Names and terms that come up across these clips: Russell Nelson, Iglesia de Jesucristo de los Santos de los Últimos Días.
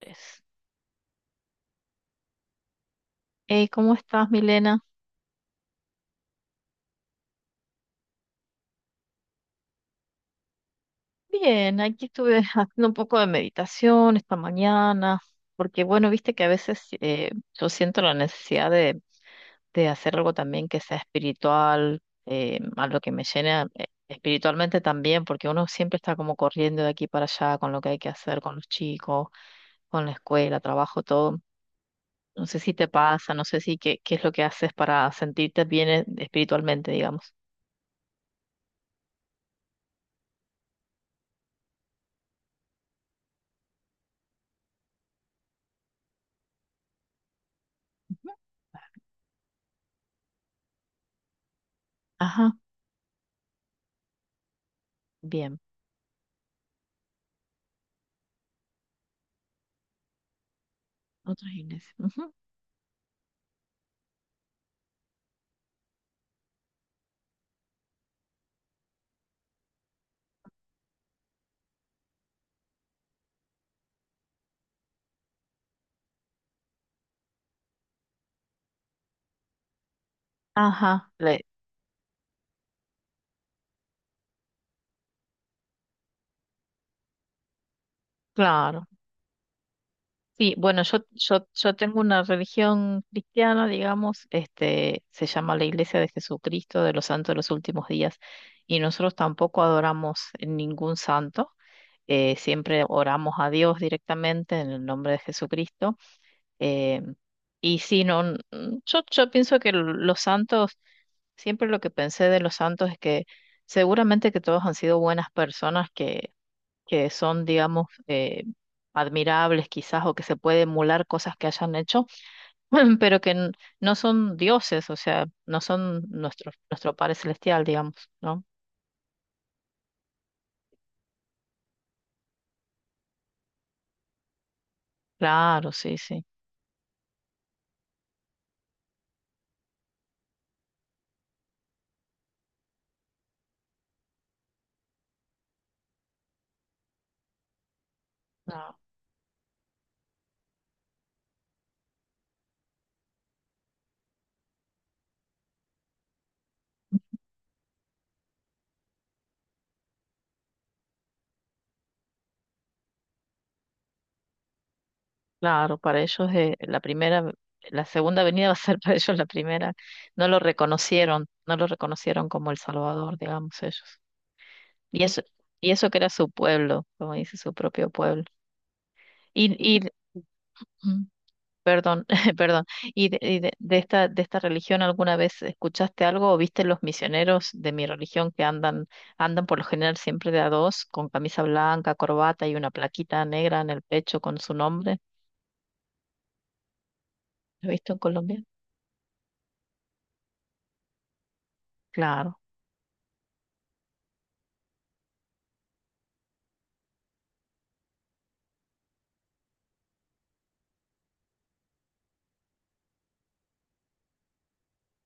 Pues, hey, ¿cómo estás, Milena? Bien, aquí estuve haciendo un poco de meditación esta mañana, porque bueno, viste que a veces yo siento la necesidad de hacer algo también que sea espiritual, algo que me llene espiritualmente también, porque uno siempre está como corriendo de aquí para allá con lo que hay que hacer con los chicos, con la escuela, trabajo, todo. No sé si te pasa, no sé si qué es lo que haces para sentirte bien espiritualmente, digamos. Ujú. Ajá, bien. Otros inés, ujú. Ajá, claro. Sí, bueno, yo tengo una religión cristiana, digamos, este, se llama la Iglesia de Jesucristo de los Santos de los Últimos Días, y nosotros tampoco adoramos ningún santo, siempre oramos a Dios directamente en el nombre de Jesucristo. eh, y sí, no, yo pienso que los santos. Siempre lo que pensé de los santos es que seguramente que todos han sido buenas personas que son, digamos, admirables quizás o que se puede emular cosas que hayan hecho, pero no son dioses, o sea, no son nuestro Padre Celestial, digamos, ¿no? Claro, sí, sí. No, claro, para ellos la primera, la segunda venida va a ser para ellos la primera. No lo reconocieron, no lo reconocieron como el Salvador, digamos, ellos. Y eso, y eso que era su pueblo, como dice, su propio pueblo. Y, y, mm, Perdón, perdón. ¿Y, de esta religión alguna vez escuchaste algo o viste los misioneros de mi religión que andan, andan por lo general siempre de a dos, con camisa blanca, corbata y una plaquita negra en el pecho con su nombre? ¿Lo has visto en Colombia? Claro.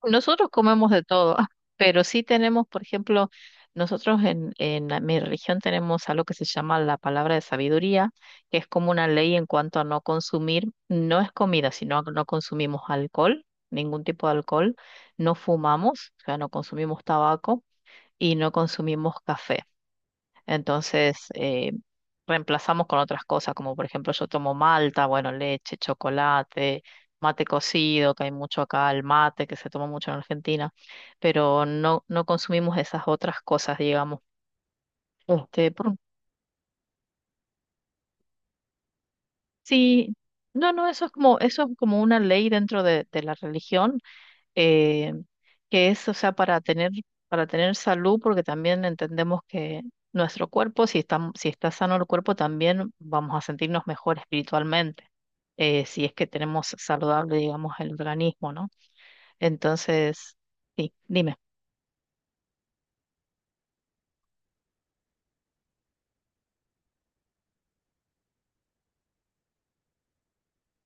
Nosotros comemos de todo, pero sí tenemos, por ejemplo, nosotros en, mi religión tenemos algo que se llama la palabra de sabiduría, que es como una ley en cuanto a no consumir, no es comida, sino que no consumimos alcohol, ningún tipo de alcohol, no fumamos, o sea, no consumimos tabaco y no consumimos café. Entonces, reemplazamos con otras cosas, como por ejemplo yo tomo malta, bueno, leche, chocolate, mate cocido, que hay mucho acá, el mate que se toma mucho en Argentina, pero no, no consumimos esas otras cosas, digamos. Este, por sí, no, no, eso es como una ley dentro de la religión, eh, que es, o sea, para tener salud, porque también entendemos que nuestro cuerpo, si está sano el cuerpo, también vamos a sentirnos mejor espiritualmente, si es que tenemos saludable, digamos, el organismo, ¿no? Entonces, sí, dime.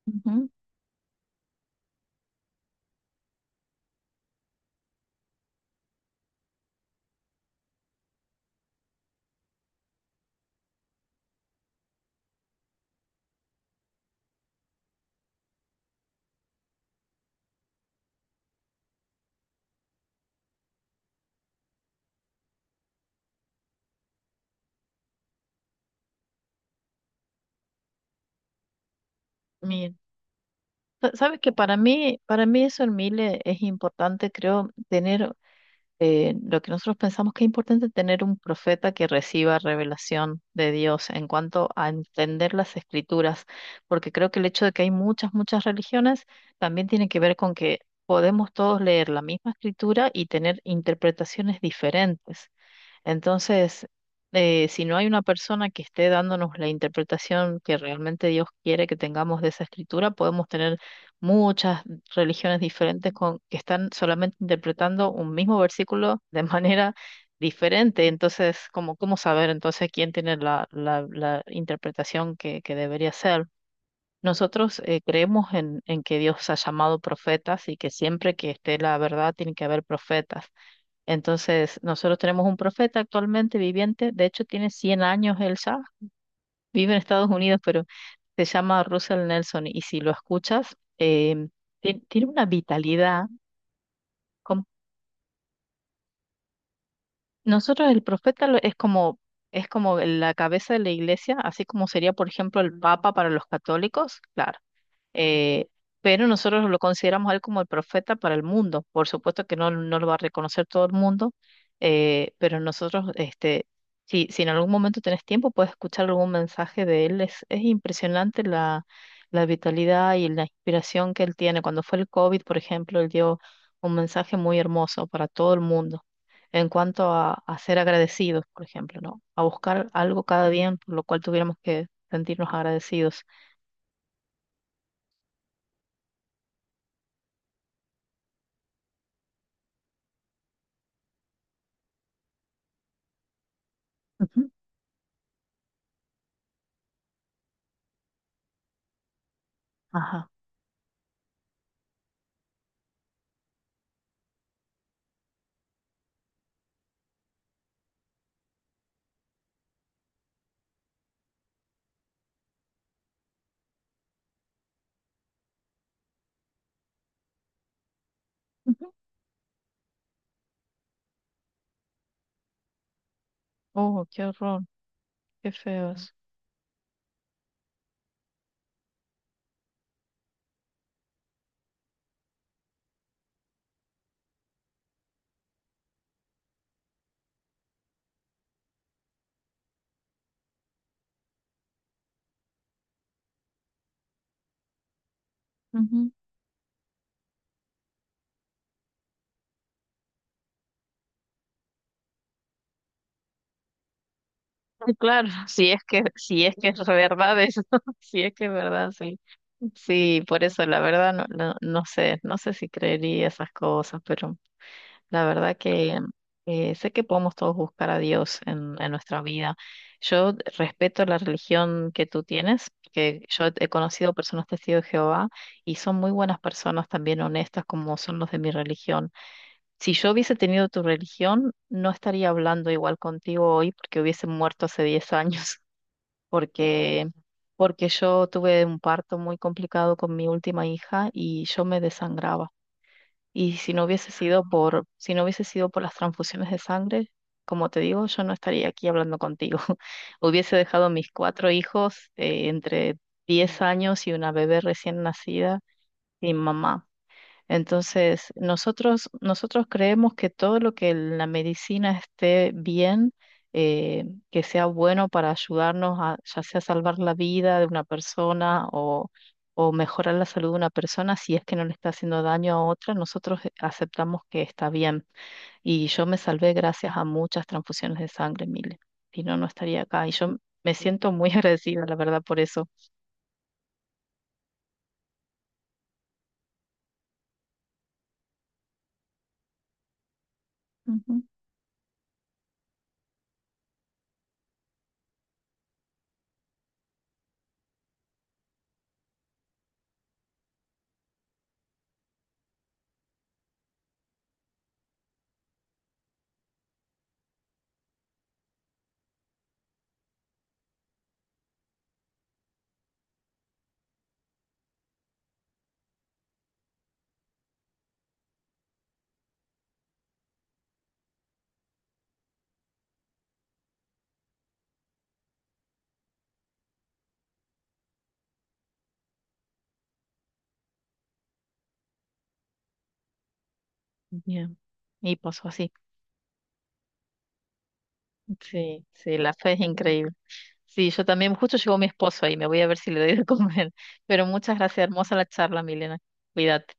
Ujú. Bien. Sabes que para mí eso en Mile es importante, creo, tener lo que nosotros pensamos que es importante es tener un profeta que reciba revelación de Dios en cuanto a entender las escrituras, porque creo que el hecho de que hay muchas religiones también tiene que ver con que podemos todos leer la misma escritura y tener interpretaciones diferentes. Entonces, si no hay una persona que esté dándonos la interpretación que realmente Dios quiere que tengamos de esa escritura, podemos tener muchas religiones diferentes con, que están solamente interpretando un mismo versículo de manera diferente. Entonces, ¿cómo, cómo saber entonces quién tiene la interpretación que debería ser? Nosotros creemos en que Dios ha llamado profetas y que siempre que esté la verdad tiene que haber profetas. Entonces, nosotros tenemos un profeta actualmente viviente, de hecho tiene 100 años, Elsa, vive en Estados Unidos, pero se llama Russell Nelson y si lo escuchas, tiene una vitalidad. Nosotros el profeta es como la cabeza de la iglesia, así como sería, por ejemplo, el papa para los católicos, claro. eh, pero nosotros lo consideramos a él como el profeta para el mundo. Por supuesto que no, no lo va a reconocer todo el mundo, pero nosotros, este, si en algún momento tenés tiempo, puedes escuchar algún mensaje de él. Es impresionante la vitalidad y la inspiración que él tiene. Cuando fue el COVID, por ejemplo, él dio un mensaje muy hermoso para todo el mundo en cuanto a ser agradecidos, por ejemplo, ¿no? A buscar algo cada día por lo cual tuviéramos que sentirnos agradecidos. Ujú. Ajá. Ujú. Oh, qué horror, qué feo eso. Ujú. Sí, claro, si es que, si es que es verdad eso, si es que es verdad, sí. Sí, por eso la verdad no, no, no sé si creería esas cosas, pero la verdad que sé que podemos todos buscar a Dios en nuestra vida. Yo respeto la religión que tú tienes, que yo he conocido personas testigos de Jehová y son muy buenas personas también honestas como son los de mi religión. Si yo hubiese tenido tu religión, no estaría hablando igual contigo hoy porque hubiese muerto hace 10 años, porque, porque yo tuve un parto muy complicado con mi última hija y yo me desangraba. Y si no hubiese sido por, si no hubiese sido por las transfusiones de sangre, como te digo, yo no estaría aquí hablando contigo. Hubiese dejado a mis cuatro hijos entre 10 años y una bebé recién nacida sin mamá. Entonces, nosotros creemos que todo lo que la medicina esté bien, que sea bueno para ayudarnos a ya sea salvar la vida de una persona o mejorar la salud de una persona, si es que no le está haciendo daño a otra, nosotros aceptamos que está bien. Y yo me salvé gracias a muchas transfusiones de sangre, Mile. Si no, no estaría acá. Y yo me siento muy agradecida, la verdad, por eso. Ujú. Bien. Y pasó así. Sí, sí, la fe es increíble. Sí, yo también, justo llegó mi esposo ahí, me voy a ver si le doy de comer. Pero muchas gracias, hermosa la charla, Milena. Cuídate.